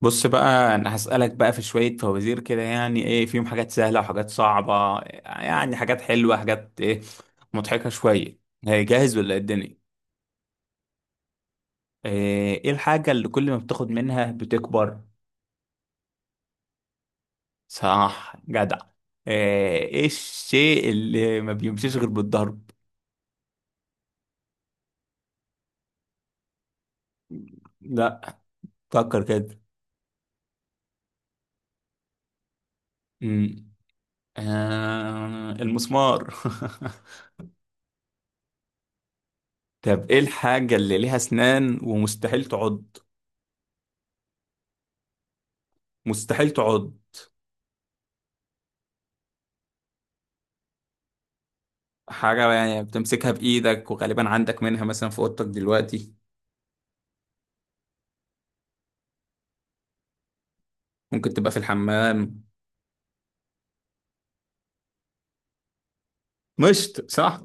بص بقى، انا هسألك بقى في شوية فوازير كده، يعني ايه فيهم حاجات سهلة وحاجات صعبة. يعني حاجات حلوة، حاجات ايه مضحكة شوية. إيه، جاهز ولا إيه الدنيا؟ ايه الحاجة اللي كل ما بتاخد منها بتكبر؟ صح جدع. ايه الشيء اللي ما بيمشيش غير بالضرب؟ لا، فكر كده. امم آه، المسمار. طب ايه الحاجة اللي ليها اسنان ومستحيل تعض؟ مستحيل تعض. حاجة يعني بتمسكها بإيدك، وغالبا عندك منها مثلا في أوضتك دلوقتي. ممكن تبقى في الحمام. مشط، صح؟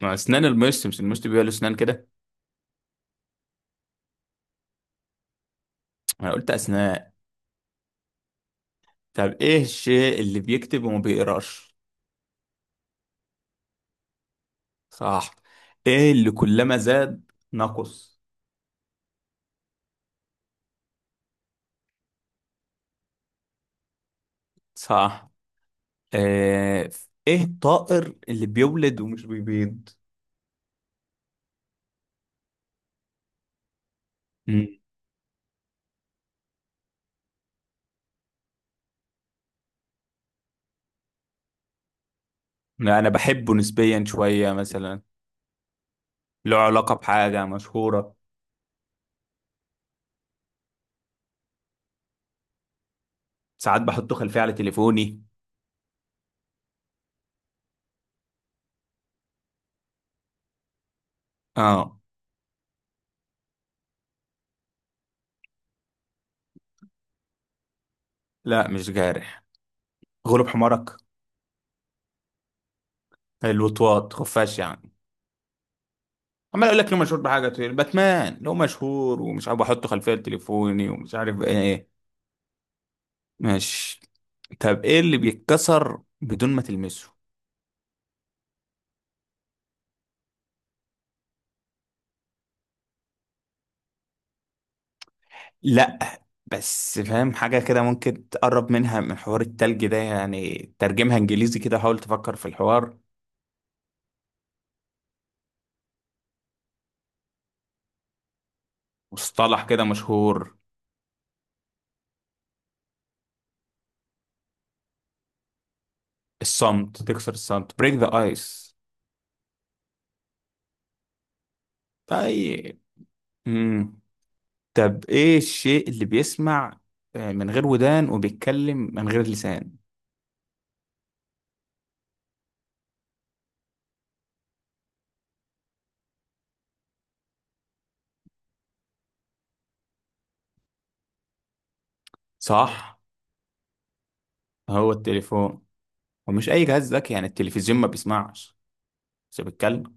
ما أسنان المشط، مش المشط بيبقى له أسنان كده؟ أنا قلت أسنان. طب إيه الشيء اللي بيكتب وما بيقراش؟ صح. إيه اللي كلما زاد نقص؟ صح. آه، إيه الطائر اللي بيولد ومش بيبيض؟ مم. لا، أنا بحبه نسبيا شوية مثلا. له علاقة بحاجة مشهورة. ساعات بحطه خلفية على تليفوني. اه. لا، مش جارح. غلوب حمارك. الوطواط، خفاش يعني. عمال اقول لك له مشهور بحاجه، تقول باتمان له مشهور ومش عارف احطه خلفيه تليفوني ومش عارف ايه. ماشي. طب ايه اللي بيتكسر بدون ما تلمسه؟ لا. بس فاهم حاجه كده ممكن تقرب منها من حوار التلج ده، يعني ترجمها انجليزي كده، حاول تفكر في الحوار. مصطلح كده مشهور. الصمت، تكسر الصمت، بريك ذا ايس. طيب. امم طب ايه الشيء اللي بيسمع من غير ودان وبيتكلم من غير لسان؟ صح. هو التليفون. ومش اي جهاز ذكي، يعني التلفزيون ما بيسمعش. بس بيتكلم.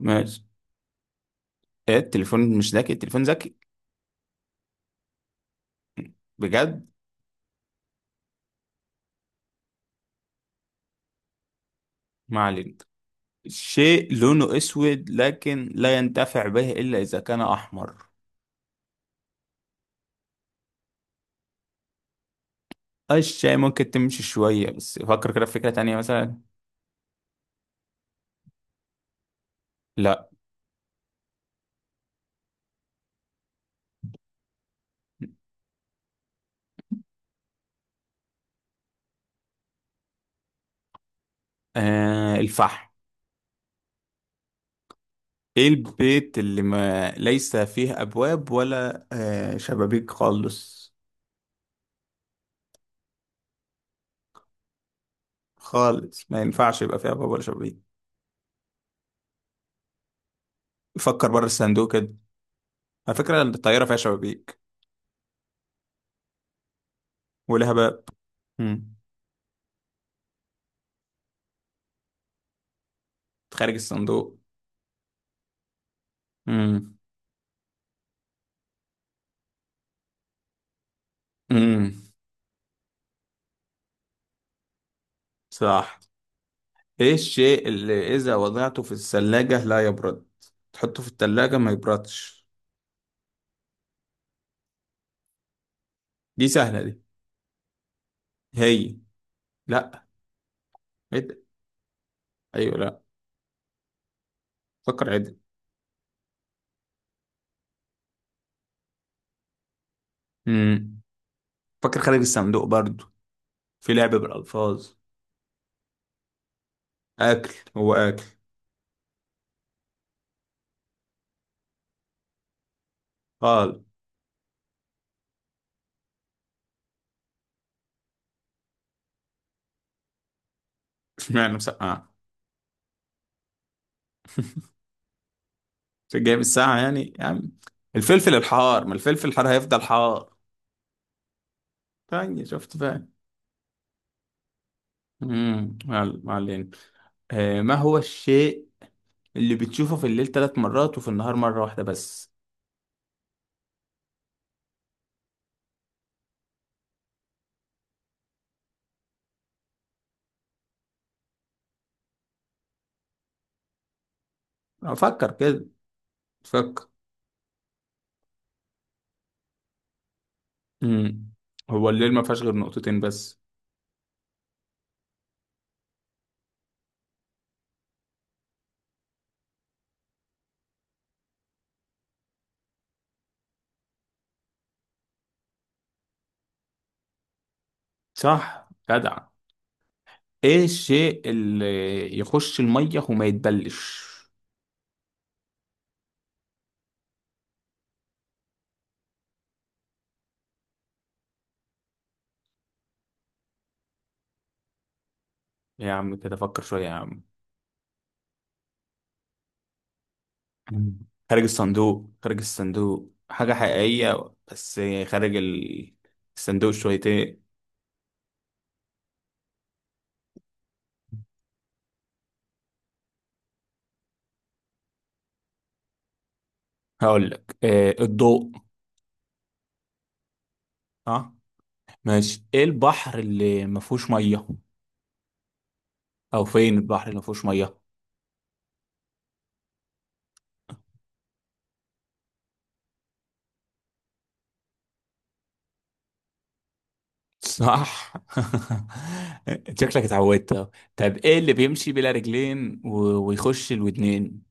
ماشي. إيه التليفون مش ذكي؟ التليفون ذكي. بجد. ما علينا. شيء لونه اسود لكن لا ينتفع به الا اذا كان احمر. الشيء ممكن تمشي شوية، بس فكر كده في فكرة تانية مثلا. لا. آه، الفحم. ايه البيت اللي ما ليس فيه ابواب ولا شبابيك خالص؟ خالص، ما ينفعش يبقى فيه ابواب ولا شبابيك. فكر بره الصندوق كده. على فكرة، الطيارة فيها شبابيك ولها باب. مم. خارج الصندوق. مم. مم. صح. ايه الشيء اللي اذا وضعته في الثلاجة لا يبرد؟ تحطه في الثلاجة ما يبردش. دي سهلة دي، هي. لا. عد. ايوه، لا. فكر، عد. مم. فكر خارج الصندوق برضو، في لعب بالالفاظ. اكل، هو اكل. اه. اشمعنى مسقعه؟ عشان جاي من الساعه، يعني الفلفل الحار، ما الفلفل الحار هيفضل حار. تاني شفت فاهم. ما علينا. آه، ما هو الشيء اللي بتشوفه في الليل 3 مرات وفي النهار مره واحده بس؟ افكر كده. فكر. امم هو الليل ما فيهاش غير نقطتين بس؟ صح جدع. ايه الشيء اللي يخش الميه وما يتبلش؟ يا عم كده فكر شويه يا عم. مم. خارج الصندوق، خارج الصندوق، حاجة حقيقية بس. خارج ال- الصندوق شويتين. هقول لك، آه الضوء. اه، ماشي. ايه البحر اللي ما فيهوش ميه؟ او فين البحر اللي ما فيهوش ميه؟ صح. شكلك اتعودت أهو. طب ايه اللي بيمشي بلا رجلين ويخش الودنين؟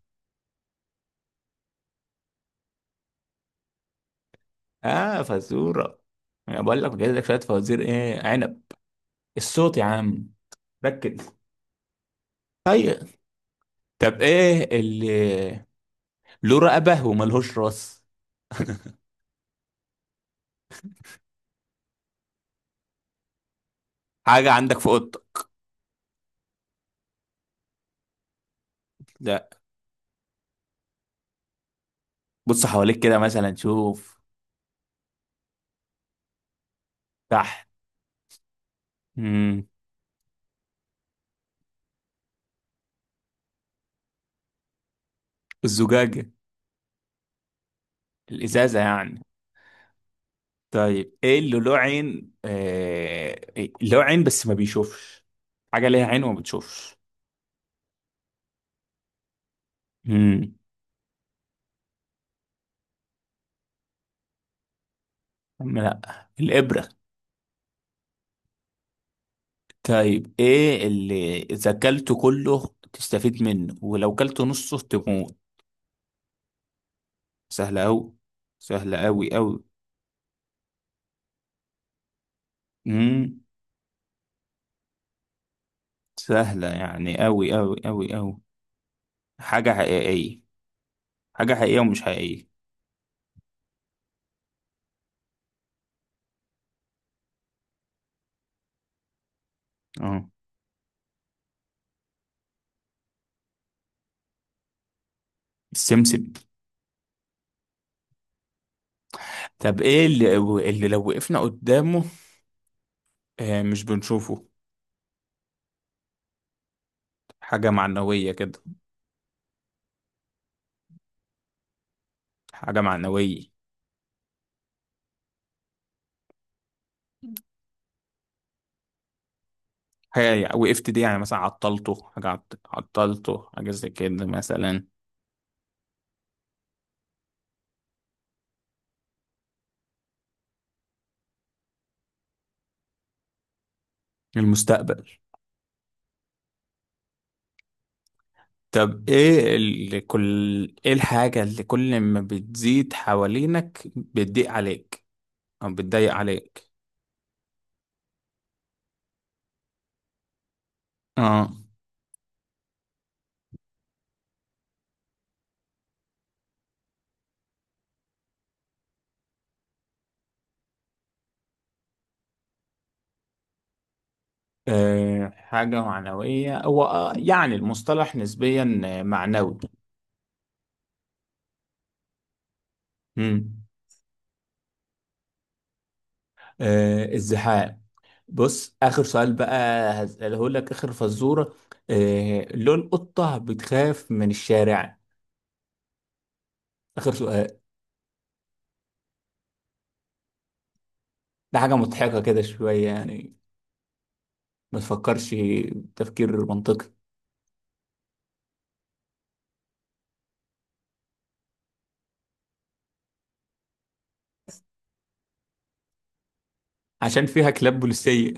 اه، فزوره. انا بقول لك جايب لك شويه فوازير، ايه عنب. الصوت يا عم. ركز. طيب. طب ايه اللي له رقبة وملهوش راس؟ حاجة عندك في اوضتك. لا. بص حواليك كده مثلا، شوف تحت. امم الزجاجة. الإزازة يعني. طيب ايه اللي له عين آه... إيه؟ له عين بس ما بيشوفش. حاجة ليها عين وما بتشوفش. امم. لا. الإبرة. طيب ايه اللي إذا كلته كله تستفيد منه ولو كلته نصه تموت؟ سهلة أوي. سهلة أوي أوي. امم سهلة يعني أوي أوي أوي أوي. حاجة حقيقية. حاجة حقيقية ومش حقيقية. اه. السمسم. طب ايه اللي، اللي لو وقفنا قدامه مش بنشوفه. حاجة معنوية كده. حاجة معنوية. حاجة وقفت دي، يعني مثلا عطلته حاجة عطلته حاجة زي كده مثلا. المستقبل. طب ايه اللي كل، ايه الحاجة اللي كل ما بتزيد حوالينك بتضيق عليك، او بتضايق عليك. اه. آه، حاجة معنوية، هو آه، يعني المصطلح نسبيا آه، معنوي. مم. آه، الزحام. بص، آخر سؤال بقى، هسأله لك آخر فزورة. آه، ليه القطة بتخاف من الشارع؟ آخر سؤال. ده حاجة مضحكة كده شوية يعني. ما تفكرش تفكير منطقي. عشان فيها كلاب بوليسية.